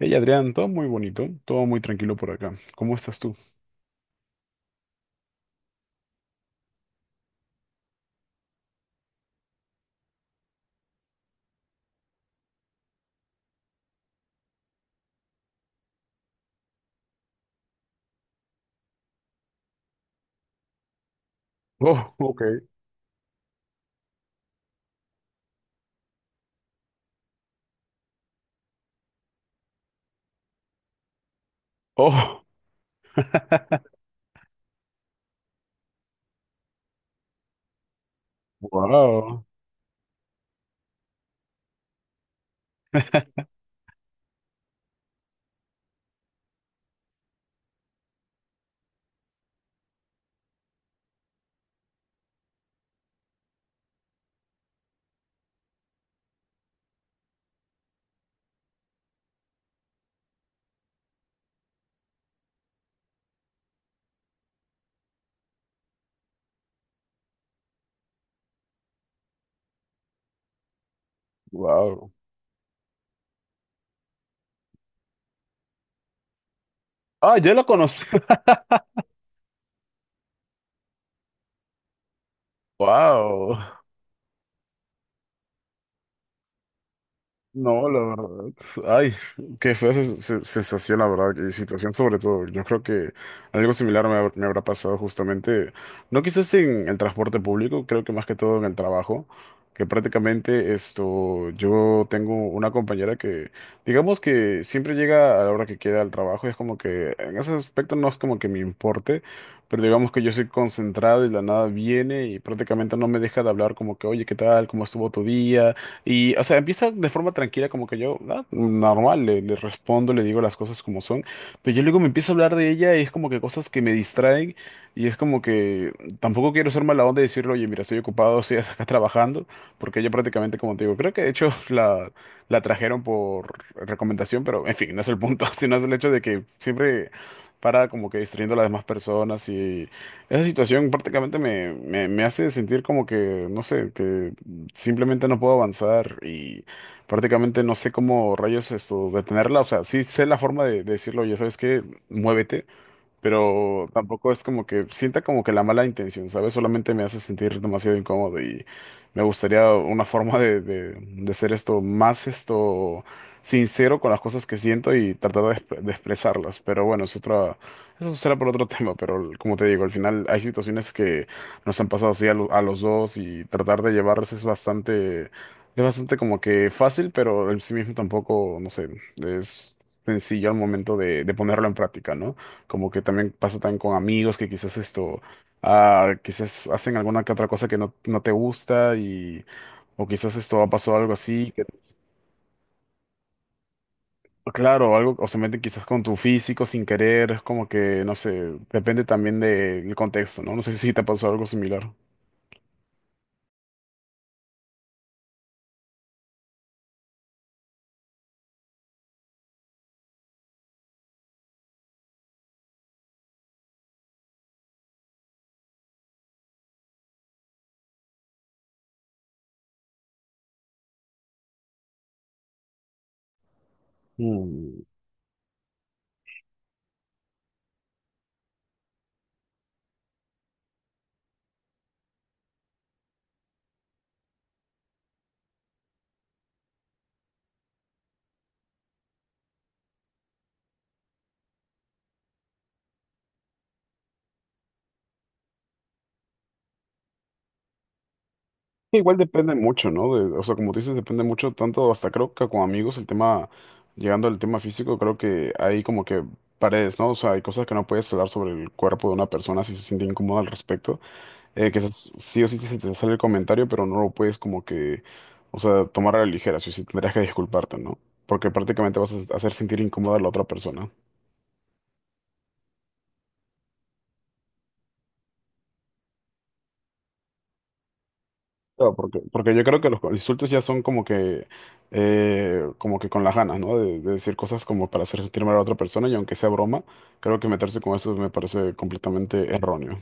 Hey Adrián, todo muy bonito, todo muy tranquilo por acá. ¿Cómo estás tú? Oh, ok. Oh, wow, wow. Ah, ya lo conocí. Wow. No, la verdad. Ay, qué fea sensación, la verdad, y situación sobre todo. Yo creo que algo similar me habrá pasado justamente, no quizás en el transporte público, creo que más que todo en el trabajo, que prácticamente esto, yo tengo una compañera que, digamos que siempre llega a la hora que quiera al trabajo, y es como que en ese aspecto no es como que me importe, pero digamos que yo soy concentrado y de la nada viene y prácticamente no me deja de hablar como que, oye, ¿qué tal? ¿Cómo estuvo tu día? Y, o sea, empieza de forma tranquila, como que yo, ah, normal, le respondo, le digo las cosas como son, pero yo luego me empiezo a hablar de ella y es como que cosas que me distraen y es como que tampoco quiero ser mala onda y decirle, oye, mira, estoy ocupado, estoy acá trabajando, porque ella prácticamente, como te digo, creo que de hecho la trajeron por recomendación, pero en fin, no es el punto, sino es el hecho de que siempre para como que distrayendo a las demás personas y esa situación prácticamente me hace sentir como que, no sé, que simplemente no puedo avanzar y prácticamente no sé cómo rayos esto detenerla. O sea, sí sé la forma de decirlo, ya sabes que muévete, pero tampoco es como que sienta como que la mala intención, ¿sabes? Solamente me hace sentir demasiado incómodo y me gustaría una forma de ser esto más esto sincero con las cosas que siento y tratar de, de expresarlas. Pero bueno, es otra, eso será por otro tema, pero como te digo, al final hay situaciones que nos han pasado así a, a los dos y tratar de llevarlos es bastante como que fácil, pero en sí mismo tampoco, no sé, es sencillo al momento de ponerlo en práctica, ¿no? Como que también pasa también con amigos que quizás esto, ah, quizás hacen alguna que otra cosa que no te gusta y, o quizás esto ha pasado algo así, que, claro, algo, o se mete quizás con tu físico sin querer, es como que, no sé, depende también del contexto, ¿no? No sé si te pasó algo similar. Mm. Igual depende mucho, ¿no? De- o sea, como tú dices, depende mucho, tanto hasta creo que con amigos, el tema, llegando al tema físico, creo que hay como que paredes, ¿no? O sea, hay cosas que no puedes hablar sobre el cuerpo de una persona si se siente incómoda al respecto. Que esas- sí o sí se te sale el comentario, pero no lo puedes como que, o sea, tomar a la ligera, sí o sí tendrías que disculparte, ¿no? Porque prácticamente vas a hacer sentir incómoda a la otra persona. Claro, porque yo creo que los insultos ya son como que con las ganas, ¿no? De decir cosas como para hacer sentir mal a la otra persona y aunque sea broma, creo que meterse con eso me parece completamente erróneo.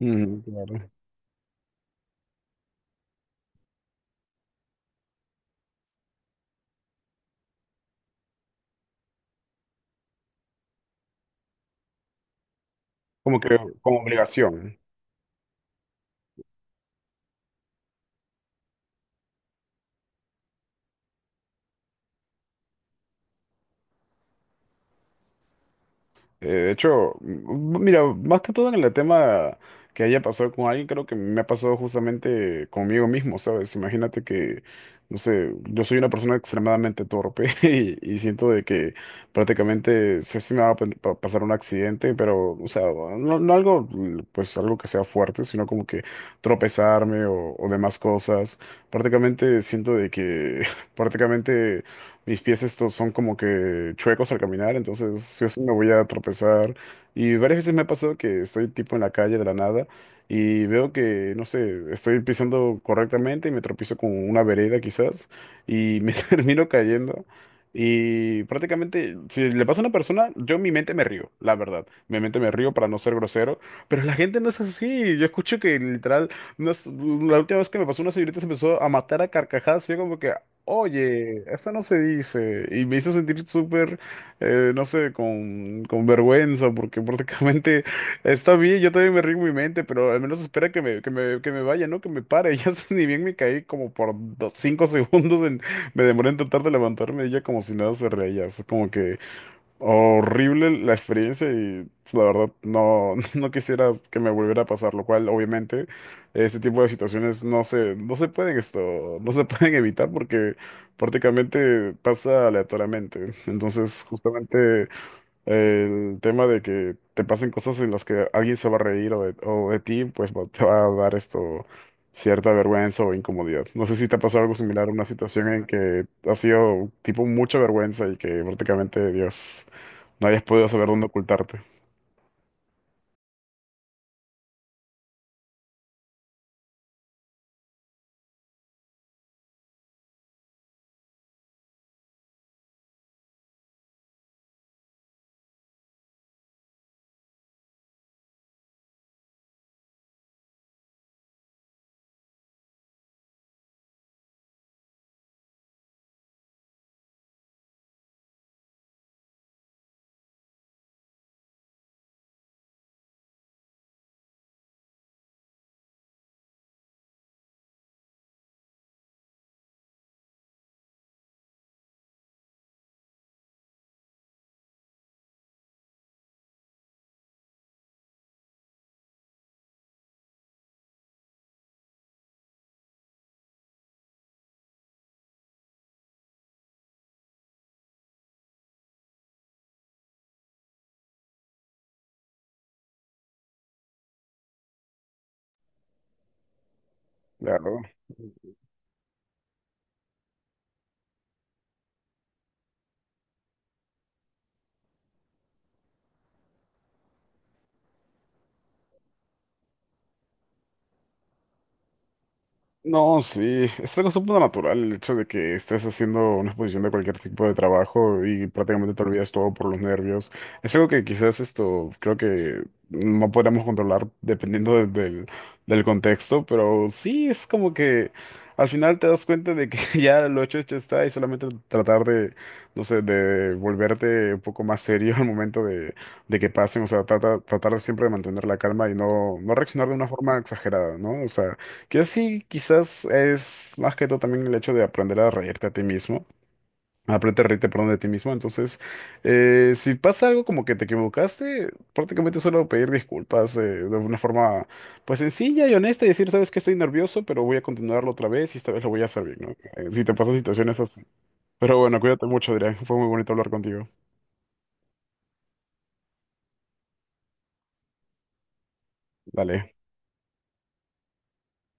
Mm, claro. Como que, como obligación. De hecho, mira, más que todo en el tema que haya pasado con alguien, creo que me ha pasado justamente conmigo mismo, ¿sabes? Imagínate que, no sé, yo soy una persona extremadamente torpe y siento de que prácticamente sí, sí me va a pasar un accidente, pero, o sea, no, no algo, pues algo que sea fuerte, sino como que tropezarme o demás cosas. Prácticamente siento de que prácticamente mis pies estos son como que chuecos al caminar, entonces sí o sí me voy a tropezar. Y varias veces me ha pasado que estoy tipo en la calle de la nada y veo que, no sé, estoy pisando correctamente y me tropiezo con una vereda quizás y me termino cayendo. Y prácticamente, si le pasa a una persona, yo en mi mente me río, la verdad. Mi mente me río para no ser grosero, pero la gente no es así. Yo escucho que literal, no es- la última vez que me pasó una señorita se empezó a matar a carcajadas. Y yo como que, oye, eso no se dice. Y me hizo sentir súper, no sé, con vergüenza, porque prácticamente está bien, yo también me río en mi mente, pero al menos espera que que me vaya, ¿no? Que me pare. Ya sé, ni bien me caí como por dos, cinco segundos, en- me demoré en tratar de levantarme, y ella como si nada se reía. Es como que, horrible la experiencia y pues, la verdad no, no quisiera que me volviera a pasar, lo cual obviamente este tipo de situaciones no se pueden esto, no se pueden evitar porque prácticamente pasa aleatoriamente. Entonces, justamente el tema de que te pasen cosas en las que alguien se va a reír o de ti, pues te va a dar esto cierta vergüenza o incomodidad. No sé si te ha pasado algo similar, una situación en que ha sido tipo mucha vergüenza y que prácticamente, Dios, no hayas podido saber dónde ocultarte. Claro. No, sí, es algo súper natural el hecho de que estés haciendo una exposición de cualquier tipo de trabajo y prácticamente te olvidas todo por los nervios. Es algo que quizás esto creo que no podemos controlar dependiendo de- del, del contexto, pero sí es como que al final te das cuenta de que ya lo hecho, hecho está y solamente tratar de, no sé, de volverte un poco más serio al momento de que pasen, o sea, trata, tratar siempre de mantener la calma y no reaccionar de una forma exagerada, ¿no? O sea... Que sí, quizás es más que todo también el hecho de aprender a reírte a ti mismo. Aprender a reírte, perdón, de ti mismo. Entonces, si pasa algo como que te equivocaste, prácticamente solo pedir disculpas de una forma pues sencilla y honesta y decir, sabes que estoy nervioso, pero voy a continuarlo otra vez y esta vez lo voy a hacer bien, ¿no? Si te pasan situaciones así. Pero bueno, cuídate mucho, Adrián. Fue muy bonito hablar contigo. Dale.